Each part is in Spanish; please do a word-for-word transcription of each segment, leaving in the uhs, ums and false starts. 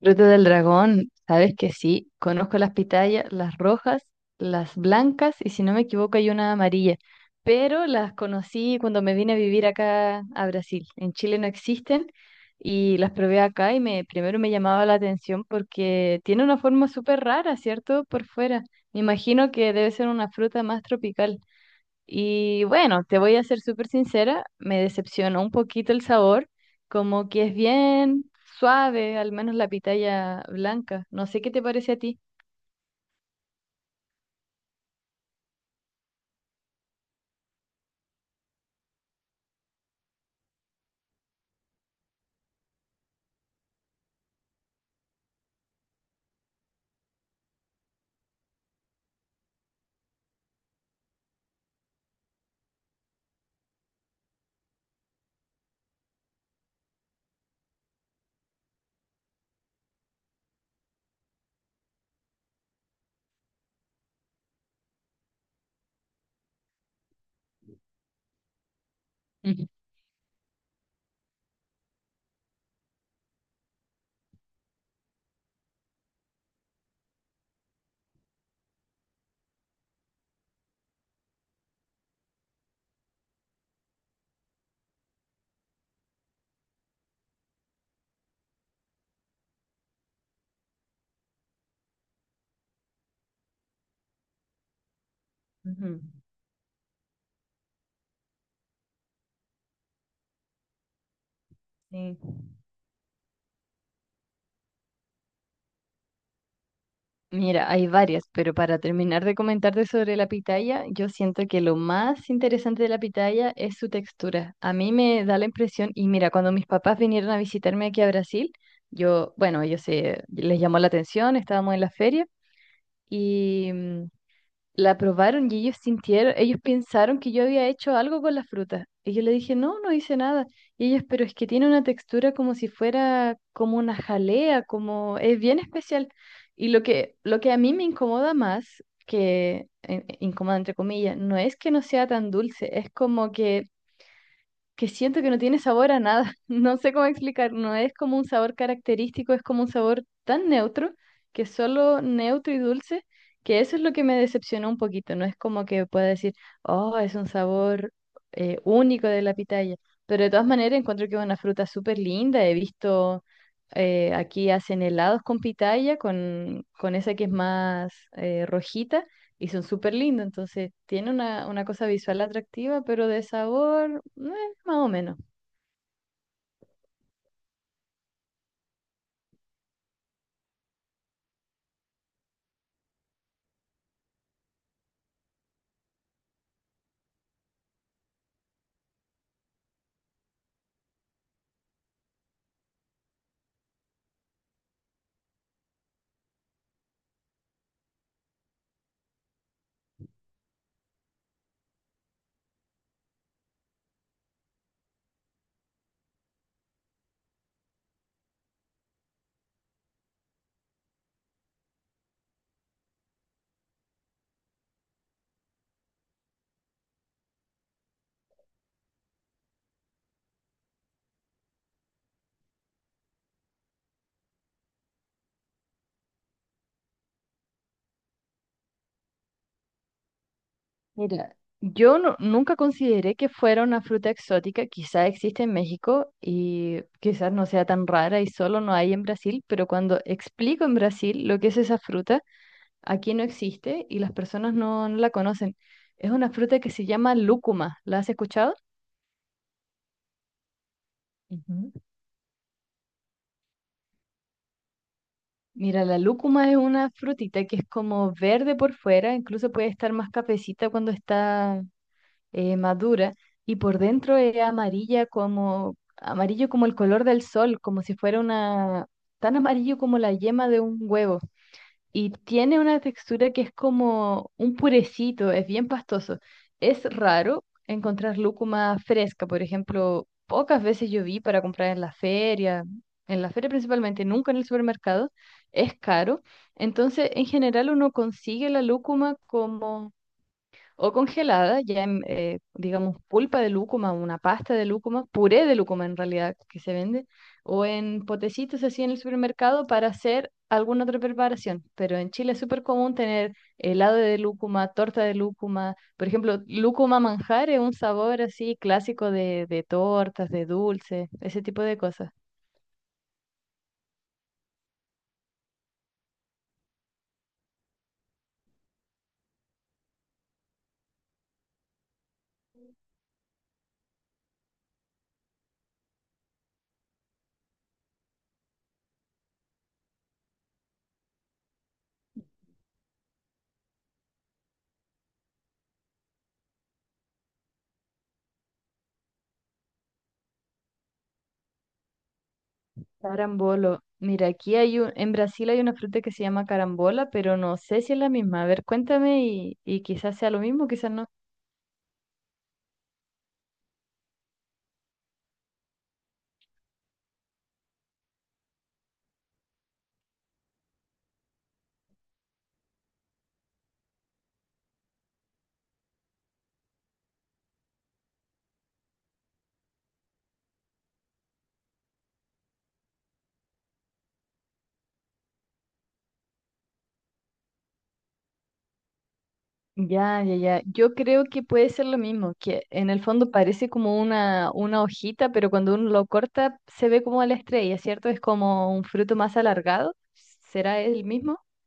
Fruta del dragón, sabes que sí, conozco las pitayas, las rojas, las blancas y si no me equivoco hay una amarilla, pero las conocí cuando me vine a vivir acá a Brasil. En Chile no existen y las probé acá y me primero me llamaba la atención porque tiene una forma súper rara, ¿cierto? Por fuera. Me imagino que debe ser una fruta más tropical. Y bueno, te voy a ser súper sincera, me decepcionó un poquito el sabor, como que es bien suave, al menos la pitaya blanca. No sé qué te parece a ti. Ujú. Ujú, sí. Mira, hay varias, pero para terminar de comentarte sobre la pitaya, yo siento que lo más interesante de la pitaya es su textura. A mí me da la impresión, y mira, cuando mis papás vinieron a visitarme aquí a Brasil, yo, bueno, ellos se les llamó la atención, estábamos en la feria y mm, la probaron y ellos sintieron, ellos pensaron que yo había hecho algo con la fruta. Y yo le dije, no, no hice nada. Y ellos, pero es que tiene una textura como si fuera como una jalea, como es bien especial. Y lo que, lo que a mí me incomoda más, que eh, eh, incomoda entre comillas, no es que no sea tan dulce, es como que que siento que no tiene sabor a nada. No sé cómo explicar, no es como un sabor característico, es como un sabor tan neutro, que es solo neutro y dulce, que eso es lo que me decepcionó un poquito. No es como que pueda decir, oh, es un sabor eh, único de la pitaya. Pero de todas maneras encuentro que es una fruta súper linda. He visto, eh, aquí hacen helados con pitaya, con, con esa que es más eh, rojita. Y son súper lindos, entonces tiene una, una cosa visual atractiva, pero de sabor, no, más o menos. Mira, yo no- nunca consideré que fuera una fruta exótica, quizá existe en México y quizás no sea tan rara y solo no hay en Brasil, pero cuando explico en Brasil lo que es esa fruta, aquí no existe y las personas no, no la conocen. Es una fruta que se llama lúcuma, ¿la has escuchado? Ujú. Mira, la lúcuma es una frutita que es como verde por fuera, incluso puede estar más cafecita cuando está eh, madura, y por dentro es amarilla, como amarillo como el color del sol, como si fuera una, tan amarillo como la yema de un huevo, y tiene una textura que es como un purecito, es bien pastoso. Es raro encontrar lúcuma fresca, por ejemplo, pocas veces yo vi para comprar en la feria, en la feria principalmente, nunca en el supermercado, es caro. Entonces, en general uno consigue la lúcuma como o congelada, ya en, eh, digamos, pulpa de lúcuma, una pasta de lúcuma, puré de lúcuma en realidad que se vende, o en potecitos así en el supermercado para hacer alguna otra preparación. Pero en Chile es súper común tener helado de lúcuma, torta de lúcuma, por ejemplo, lúcuma manjar es un sabor así clásico de, de tortas, de dulces, ese tipo de cosas. Carambolo. Mira, aquí hay un, en Brasil hay una fruta que se llama carambola, pero no sé si es la misma. A ver, cuéntame y, y quizás sea lo mismo, quizás no. Ya, ya, ya. Yo creo que puede ser lo mismo, que en el fondo parece como una, una hojita, pero cuando uno lo corta se ve como la estrella, ¿cierto? Es como un fruto más alargado. ¿Será el mismo?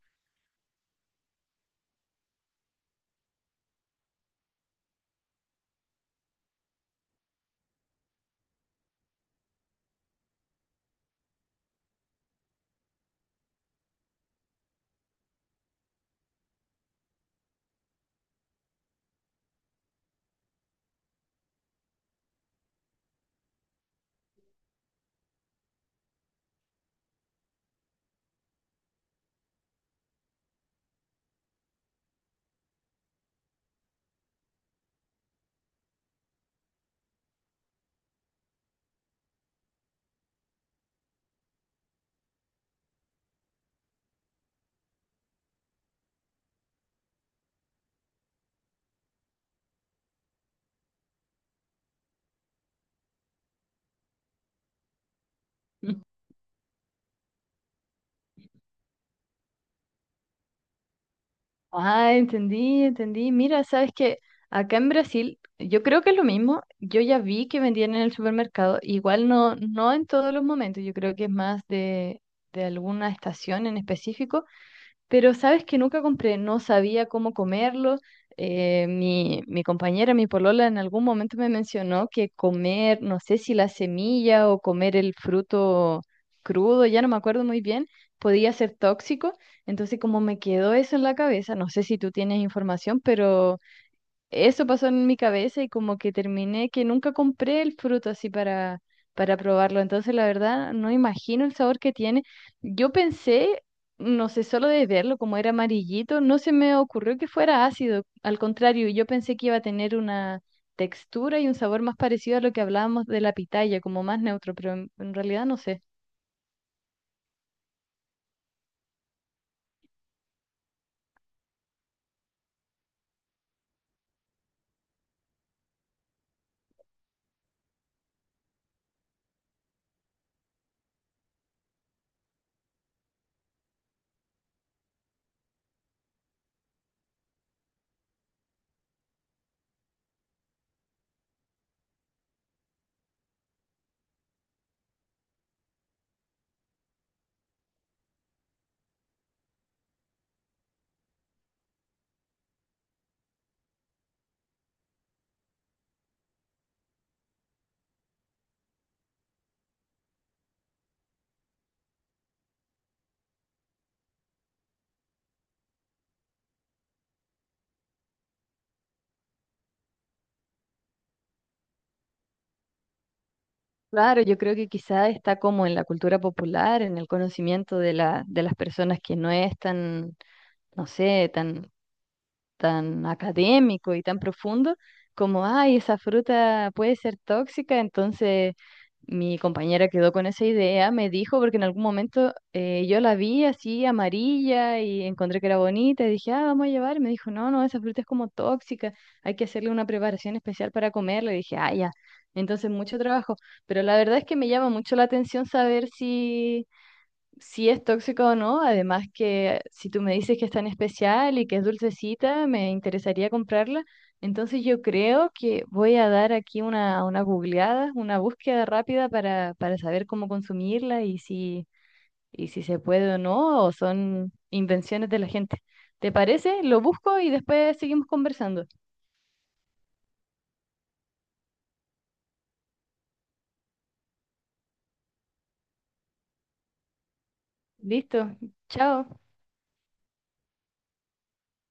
Mm. Ah, entendí, entendí. Mira, sabes que acá en Brasil, yo creo que es lo mismo. Yo ya vi que vendían en el supermercado, igual no, no en todos los momentos, yo creo que es más de, de alguna estación en específico. Pero sabes que nunca compré, no sabía cómo comerlo. Eh, mi, mi compañera, mi polola, en algún momento me mencionó que comer, no sé si la semilla o comer el fruto crudo, ya no me acuerdo muy bien, podía ser tóxico. Entonces, como me quedó eso en la cabeza, no sé si tú tienes información, pero eso pasó en mi cabeza y como que terminé que nunca compré el fruto así para, para probarlo. Entonces, la verdad, no imagino el sabor que tiene. Yo pensé, no sé, solo de verlo, como era amarillito, no se me ocurrió que fuera ácido. Al contrario, yo pensé que iba a tener una textura y un sabor más parecido a lo que hablábamos de la pitaya, como más neutro, pero en, en realidad no sé. Claro, yo creo que quizá está como en la cultura popular, en el conocimiento de la, de las personas que no es tan, no sé, tan tan académico y tan profundo, como, ay, esa fruta puede ser tóxica, entonces mi compañera quedó con esa idea, me dijo, porque en algún momento eh, yo la vi así amarilla y encontré que era bonita y dije, ah, vamos a llevar, y me dijo, no, no, esa fruta es como tóxica, hay que hacerle una preparación especial para comerla, y dije, ah, ya, entonces mucho trabajo, pero la verdad es que me llama mucho la atención saber si, si es tóxico o no. Además que si tú me dices que es tan especial y que es dulcecita, me interesaría comprarla. Entonces yo creo que voy a dar aquí una, una googleada, una búsqueda rápida para, para saber cómo consumirla y si, y si se puede o no, o son invenciones de la gente. ¿Te parece? Lo busco y después seguimos conversando. Listo. Chao.